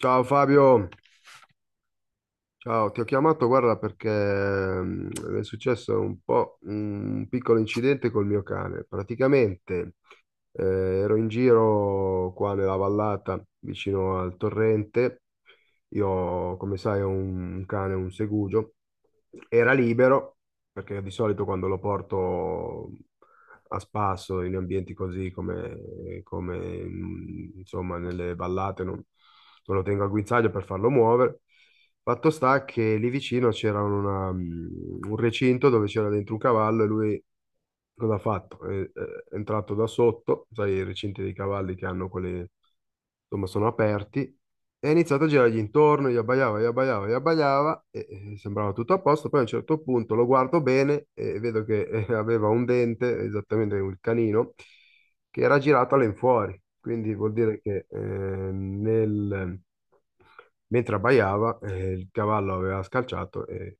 Ciao Fabio, ciao, ti ho chiamato, guarda, perché è successo un po' un piccolo incidente col mio cane. Praticamente ero in giro qua nella vallata vicino al torrente. Io, come sai, ho un cane, un segugio. Era libero, perché di solito quando lo porto a spasso in ambienti così come, come, mm, insomma nelle vallate non lo tengo al guinzaglio per farlo muovere. Fatto sta che lì vicino c'era un recinto dove c'era dentro un cavallo e lui cosa ha fatto? È entrato da sotto, sai, i recinti dei cavalli che hanno quelle, insomma, sono aperti e ha iniziato a girargli intorno, gli abbaiava, gli abbaiava, gli abbaiava e sembrava tutto a posto. Poi a un certo punto lo guardo bene e vedo che aveva un dente, esattamente un canino, che era girato all'infuori. Quindi vuol dire che mentre abbaiava il cavallo aveva scalciato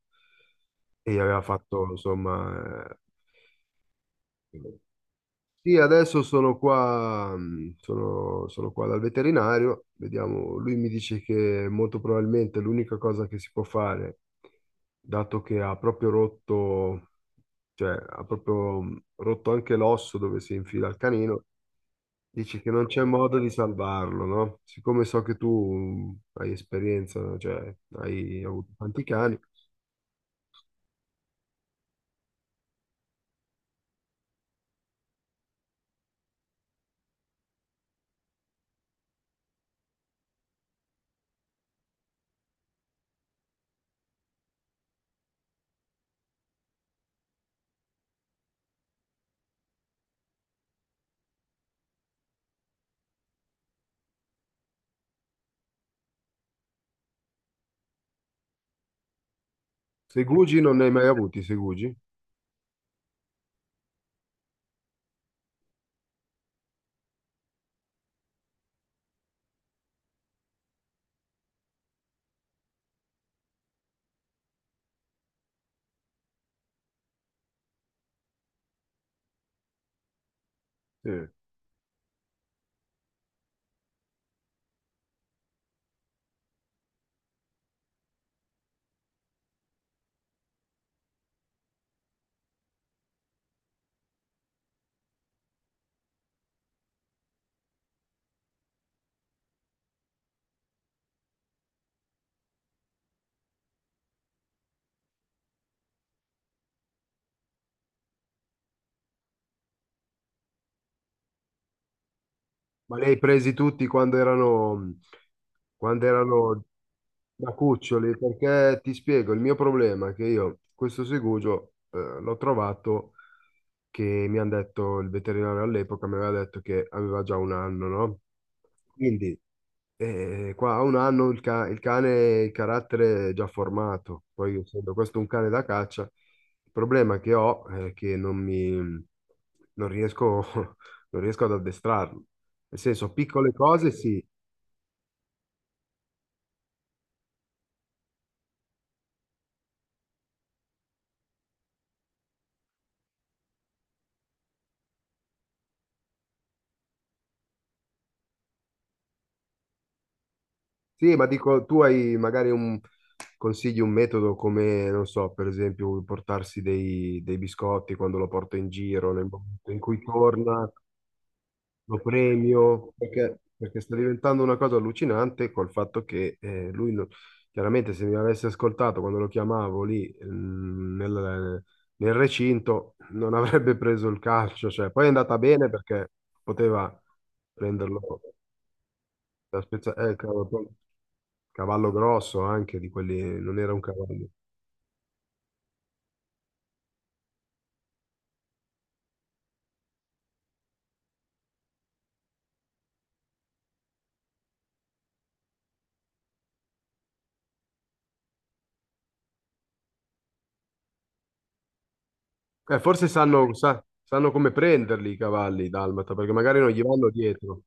e gli aveva fatto, insomma, eh, sì, adesso sono qua, sono qua dal veterinario, vediamo, lui mi dice che molto probabilmente l'unica cosa che si può fare, dato che ha proprio rotto, cioè ha proprio rotto anche l'osso dove si infila il canino, dice che non c'è modo di salvarlo, no? Siccome so che tu hai esperienza, cioè hai avuto tanti cani, segugi non ne hai mai avuti, segugi? Sì. Ma li hai presi tutti quando erano, quando erano da cuccioli, perché ti spiego, il mio problema è che io questo segugio l'ho trovato che mi hanno detto, il veterinario all'epoca mi aveva detto che aveva già un anno, no? Quindi qua a un anno il cane, il carattere è già formato, poi essendo questo un cane da caccia, il problema che ho è che non riesco, non riesco ad addestrarlo. Nel senso, piccole cose sì, sì, ma dico, tu hai magari un consigli un metodo come, non so, per esempio, portarsi dei biscotti quando lo porto in giro, nel momento in cui torna, lo premio, perché, perché sta diventando una cosa allucinante col fatto che lui, non- chiaramente, se mi avesse ascoltato quando lo chiamavo nel recinto, non avrebbe preso il calcio. Cioè, poi è andata bene perché poteva prenderlo cavolo, cavallo grosso anche di quelli, non era un cavallo. Forse sanno come prenderli i cavalli dalmata, perché magari non gli vanno dietro.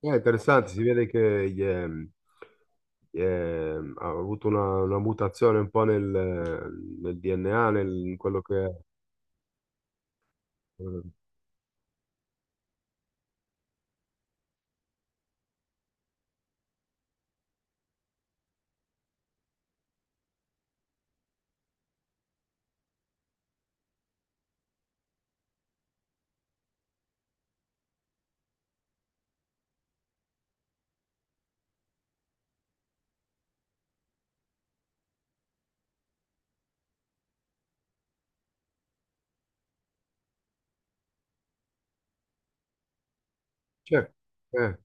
È interessante, si vede che ha avuto una mutazione un po' nel, nel DNA, nel, in quello che è. Eh, cioè, eh,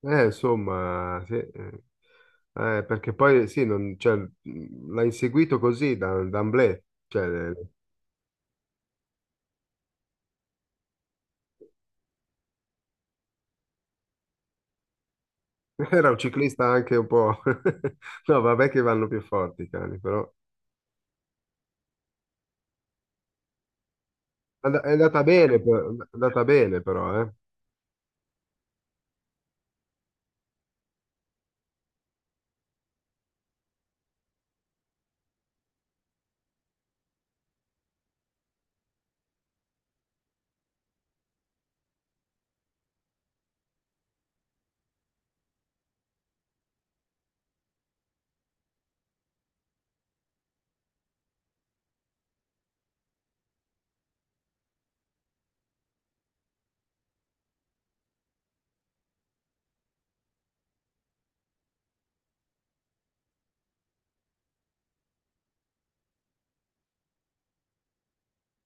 insomma, sì, perché poi sì, cioè, l'ha inseguito così da, d'emblée. Cioè, era un ciclista anche un po' no, vabbè che vanno più forti i cani, però... è andata bene, è andata bene però, eh.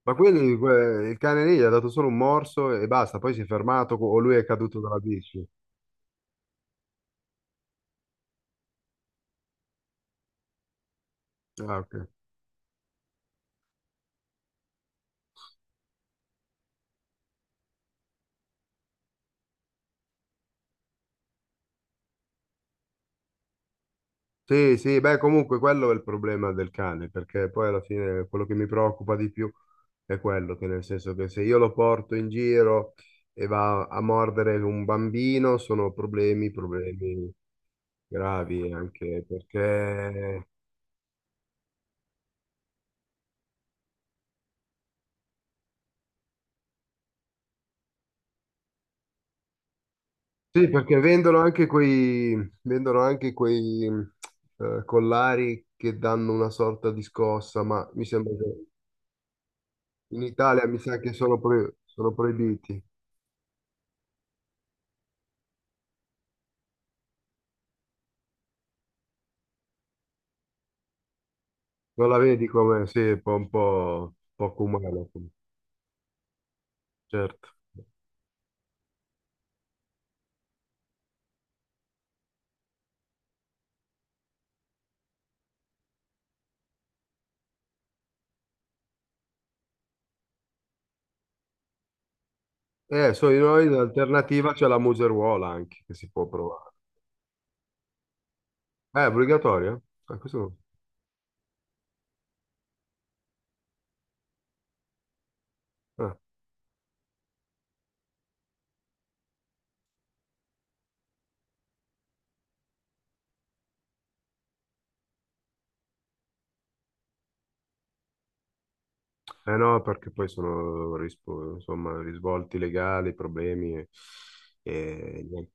Ma quelli, il cane lì gli ha dato solo un morso e basta, poi si è fermato o lui è caduto dalla bici. Ah, ok. Sì, sì, beh, comunque quello è il problema del cane, perché poi alla fine quello che mi preoccupa di più è quello, che nel senso che se io lo porto in giro e va a mordere un bambino, sono problemi, problemi gravi anche perché sì, perché vendono anche quei collari che danno una sorta di scossa, ma mi sembra che in Italia mi sa che sono proibiti. Non la vedi come? Sì, è un po' poco umano, certo. So io noi l'alternativa c'è la museruola anche, che si può provare. È obbligatoria? Ah, questo no. Ah. Eh no, perché poi insomma, risvolti legali, problemi e niente.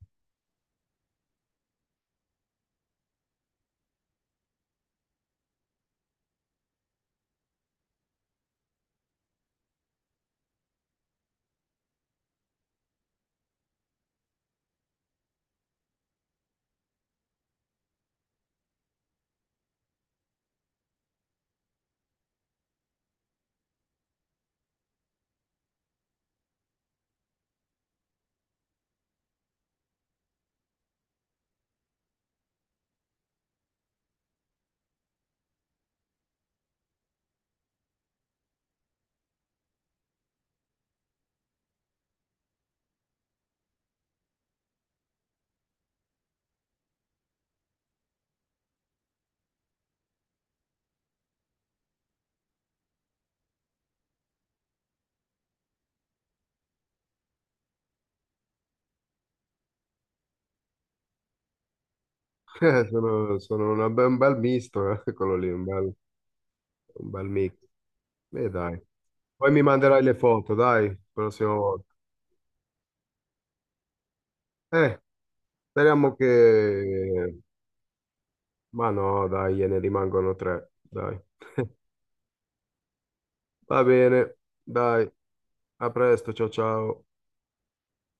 Sono, sono una un bel misto, quello lì, un bel mix. Beh, dai. Poi mi manderai le foto, dai, la prossima volta. Eh, speriamo che... Ma no, dai, ne rimangono tre, dai. Va bene, dai, a presto, ciao ciao.